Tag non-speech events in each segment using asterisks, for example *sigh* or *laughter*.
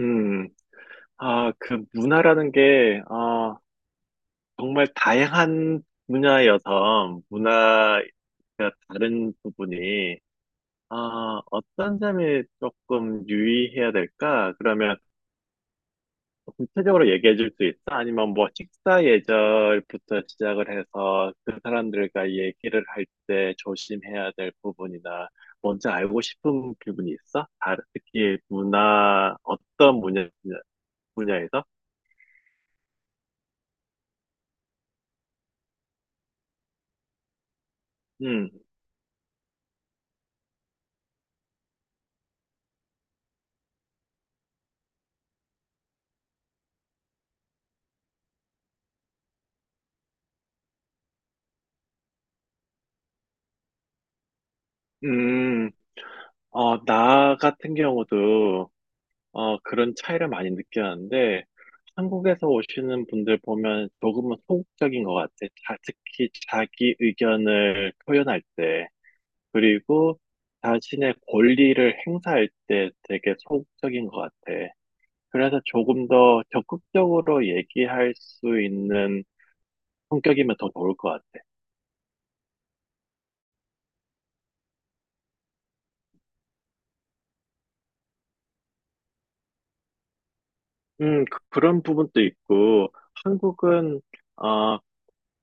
음, 아, 그 문화라는 게, 아, 정말 다양한 분야여서, 문화가 다른 부분이, 아, 어떤 점이 조금 유의해야 될까? 그러면 구체적으로 얘기해 줄 수 있어? 아니면 뭐 식사 예절부터 시작을 해서 그 사람들과 얘기를 할 때 조심해야 될 부분이나, 먼저 알고 싶은 부분이 있어? 특히 문화, 어떤 분야, 분야에서? 음. 음, 나 같은 경우도, 그런 차이를 많이 느꼈는데, 한국에서 오시는 분들 보면 조금은 소극적인 것 같아. 자, 특히 자기 의견을 표현할 때, 그리고 자신의 권리를 행사할 때 되게 소극적인 것 같아. 그래서 조금 더 적극적으로 얘기할 수 있는 성격이면 더 좋을 것 같아. 그런 부분도 있고, 한국은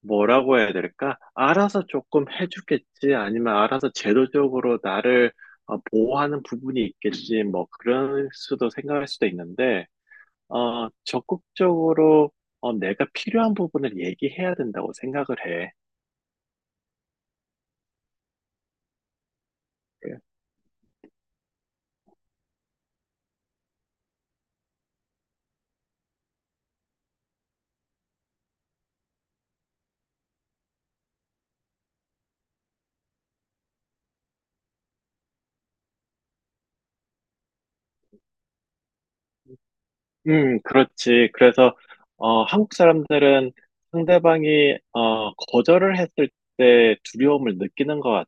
뭐라고 해야 될까? 알아서 조금 해주겠지, 아니면 알아서 제도적으로 나를 보호하는 부분이 있겠지, 뭐, 그럴 수도 생각할 수도 있는데, 적극적으로 내가 필요한 부분을 얘기해야 된다고 생각을 해. 그- 그렇지. 그래서, 한국 사람들은 상대방이, 거절을 했을 때 두려움을 느끼는 것 같아.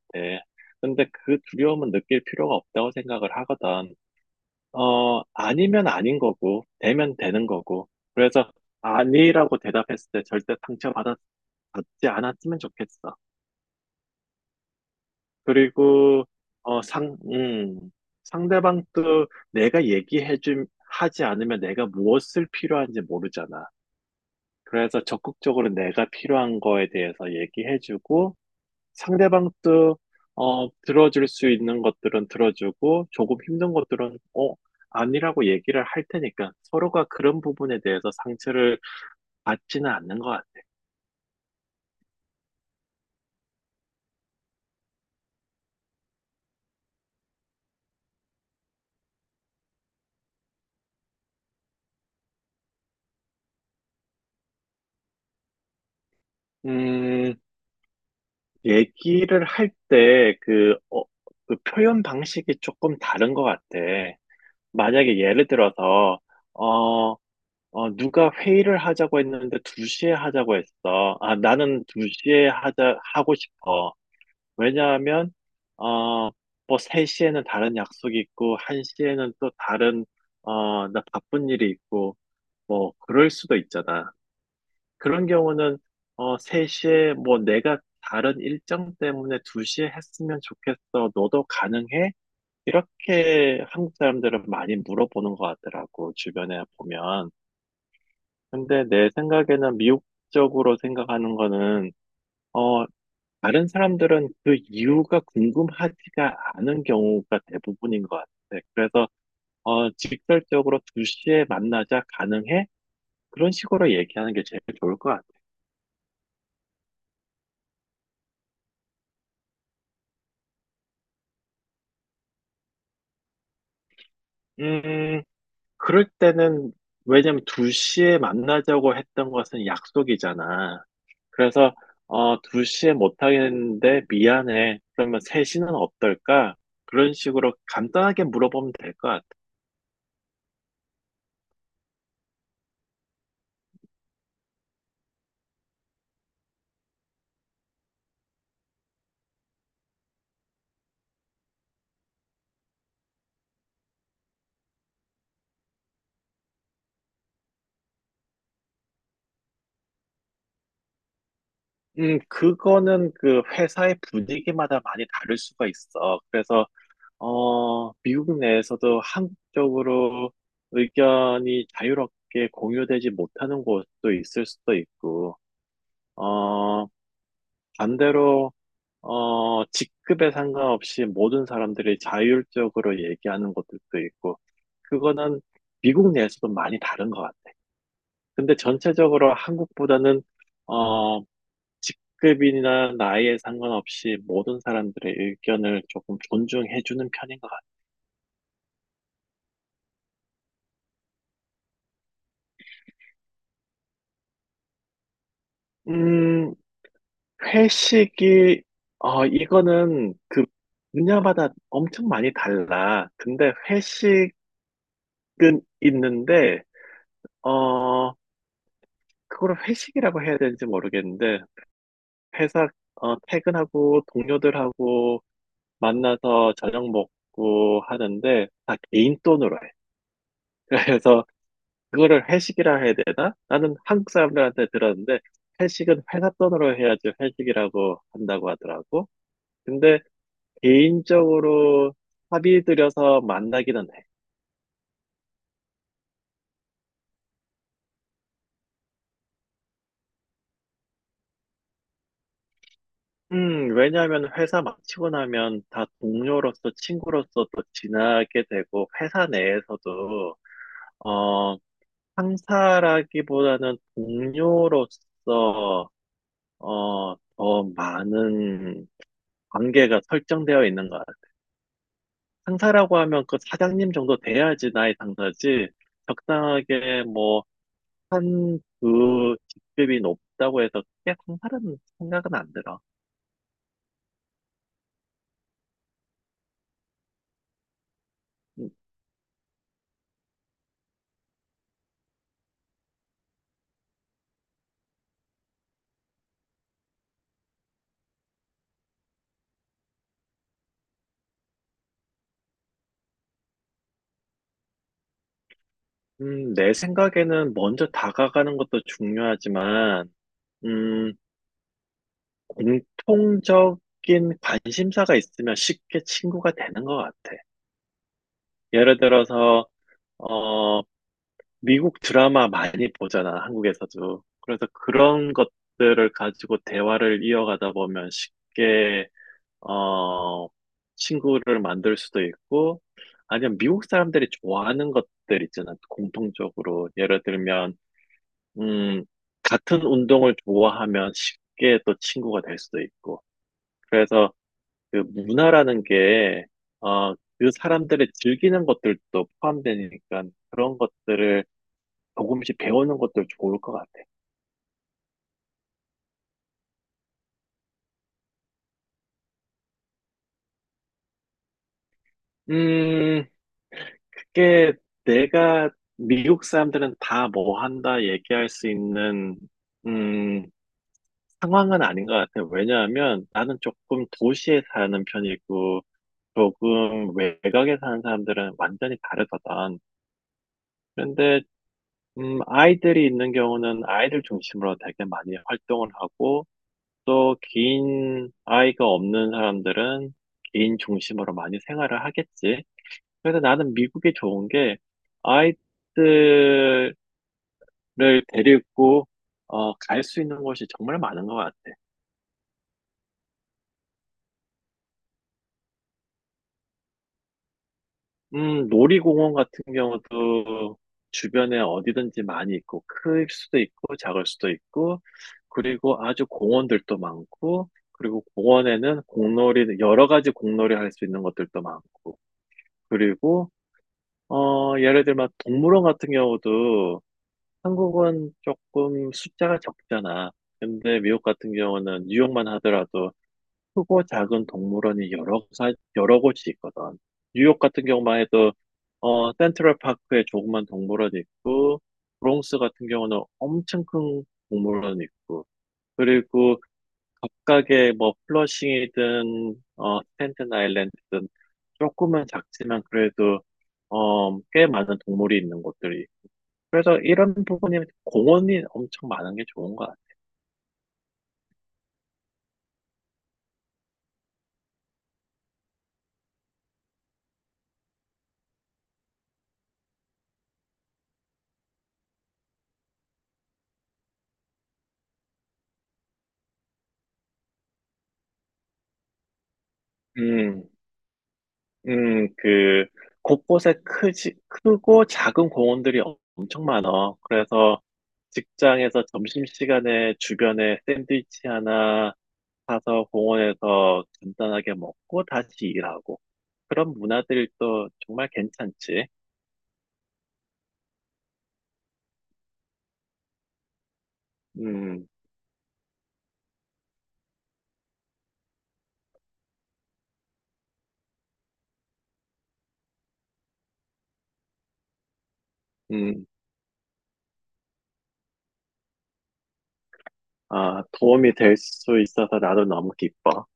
근데 그 두려움은 느낄 필요가 없다고 생각을 하거든. 아니면 아닌 거고, 되면 되는 거고. 그래서, 아니라고 대답했을 때 절대 받지 않았으면 좋겠어. 그리고, 어, 상, 음, 상대방도 내가 하지 않으면 내가 무엇을 필요한지 모르잖아. 그래서 적극적으로 내가 필요한 거에 대해서 얘기해주고, 상대방도, 들어줄 수 있는 것들은 들어주고, 조금 힘든 것들은, 아니라고 얘기를 할 테니까, 서로가 그런 부분에 대해서 상처를 받지는 않는 것 같아. 음, 얘기를 할 때, 그 표현 방식이 조금 다른 것 같아. 만약에 예를 들어서, 어, 누가 회의를 하자고 했는데 2시에 하자고 했어. 아, 나는 2시에 하고 싶어. 왜냐하면, 어, 뭐 3시에는 다른 약속이 있고, 1시에는 또 다른, 나 바쁜 일이 있고, 뭐, 그럴 수도 있잖아. 그런 경우는, 3시에 뭐 내가 다른 일정 때문에 2시에 했으면 좋겠어. 너도 가능해? 이렇게 한국 사람들은 많이 물어보는 것 같더라고, 주변에 보면. 근데 내 생각에는 미국적으로 생각하는 거는, 어, 다른 사람들은 그 이유가 궁금하지가 않은 경우가 대부분인 것 같아. 그래서, 직설적으로 2시에 만나자 가능해? 그런 식으로 얘기하는 게 제일 좋을 것 같아. 음, 그럴 때는, 왜냐면 2시에 만나자고 했던 것은 약속이잖아. 그래서 2시에 못 하겠는데 미안해. 그러면 3시는 어떨까? 그런 식으로 간단하게 물어보면 될 것 같아. 그거는 그 회사의 분위기마다 많이 다를 수가 있어. 그래서 미국 내에서도 한국적으로 의견이 자유롭게 공유되지 못하는 곳도 있을 수도 있고, 어, 반대로 직급에 상관없이 모든 사람들이 자율적으로 얘기하는 것들도 있고, 그거는 미국 내에서도 많이 다른 것 같아. 근데 전체적으로 한국보다는 어, 직급이나 나이에 상관없이 모든 사람들의 의견을 조금 존중해주는 편인 것 같아. 음, 회식이 이거는 그 분야마다 엄청 많이 달라. 근데 회식은 있는데 어, 그걸 회식이라고 해야 되는지 모르겠는데 회사 퇴근하고 동료들하고 만나서 저녁 먹고 하는데 다 개인 돈으로 해. *laughs* 그래서 그거를 회식이라 해야 되나? 나는 한국 사람들한테 들었는데 회식은 회사 돈으로 해야지 회식이라고 한다고 하더라고. 근데 개인적으로 합의 들여서 만나기는 해. 왜냐하면 회사 마치고 나면 다 동료로서 친구로서 또 지나게 되고 회사 내에서도 어, 상사라기보다는 동료로서 더 많은 관계가 설정되어 있는 것 같아요. 상사라고 하면 그 사장님 정도 돼야지 나의 상사지, 적당하게 뭐, 한, 그 직급이 높다고 해서 크게 상사라는 생각은 안 들어. 음, 내 생각에는 먼저 다가가는 것도 중요하지만, 음, 공통적인 관심사가 있으면 쉽게 친구가 되는 것 같아. 예를 들어서, 어, 미국 드라마 많이 보잖아, 한국에서도. 그래서 그런 것들을 가지고 대화를 이어가다 보면 쉽게, 어, 친구를 만들 수도 있고, 아니면 미국 사람들이 좋아하는 것들 있잖아, 공통적으로. 예를 들면, 음, 같은 운동을 좋아하면 쉽게 또 친구가 될 수도 있고. 그래서 그 문화라는 게, 그 사람들이 즐기는 것들도 포함되니까 그런 것들을 조금씩 배우는 것도 좋을 것 같아. 음, 그게 내가 미국 사람들은 다 뭐 한다 얘기할 수 있는, 음, 상황은 아닌 것 같아. 왜냐하면 나는 조금 도시에 사는 편이고, 조금 외곽에 사는 사람들은 완전히 다르거든. 그런데, 아이들이 있는 경우는 아이들 중심으로 되게 많이 활동을 하고, 또 긴 아이가 없는 사람들은 개인 중심으로 많이 생활을 하겠지. 그래서 나는 미국이 좋은 게 아이들을 데리고 갈 수 있는 곳이 정말 많은 것 같아. 놀이공원 같은 경우도 주변에 어디든지 많이 있고 클 수도 있고 작을 수도 있고 그리고 아주 공원들도 많고 그리고 공원에는 공놀이 여러 가지 공놀이 할 수 있는 것들도 많고 그리고 예를 들면 동물원 같은 경우도 한국은 조금 숫자가 적잖아. 근데 미국 같은 경우는 뉴욕만 하더라도 크고 작은 동물원이 여러 곳이 있거든. 뉴욕 같은 경우만 해도 센트럴 파크에 조그만 동물원이 있고 브롱스 같은 경우는 엄청 큰 동물원이 있고 그리고 각각의 뭐 플러싱이든 스탠튼 아일랜드든 조금은 작지만 그래도 꽤 많은 동물이 있는 곳들이 그래서 이런 부분이 공원이 엄청 많은 게 좋은 것 같아요. 음, 음, 그, 곳곳에 크고 작은 공원들이 엄청 많아. 그래서 직장에서 점심시간에 주변에 샌드위치 하나 사서 공원에서 간단하게 먹고 다시 일하고. 그런 문화들이 또 정말 괜찮지. 음, 음, 아, 도움이 될 수 있어서 나도 너무 기뻐.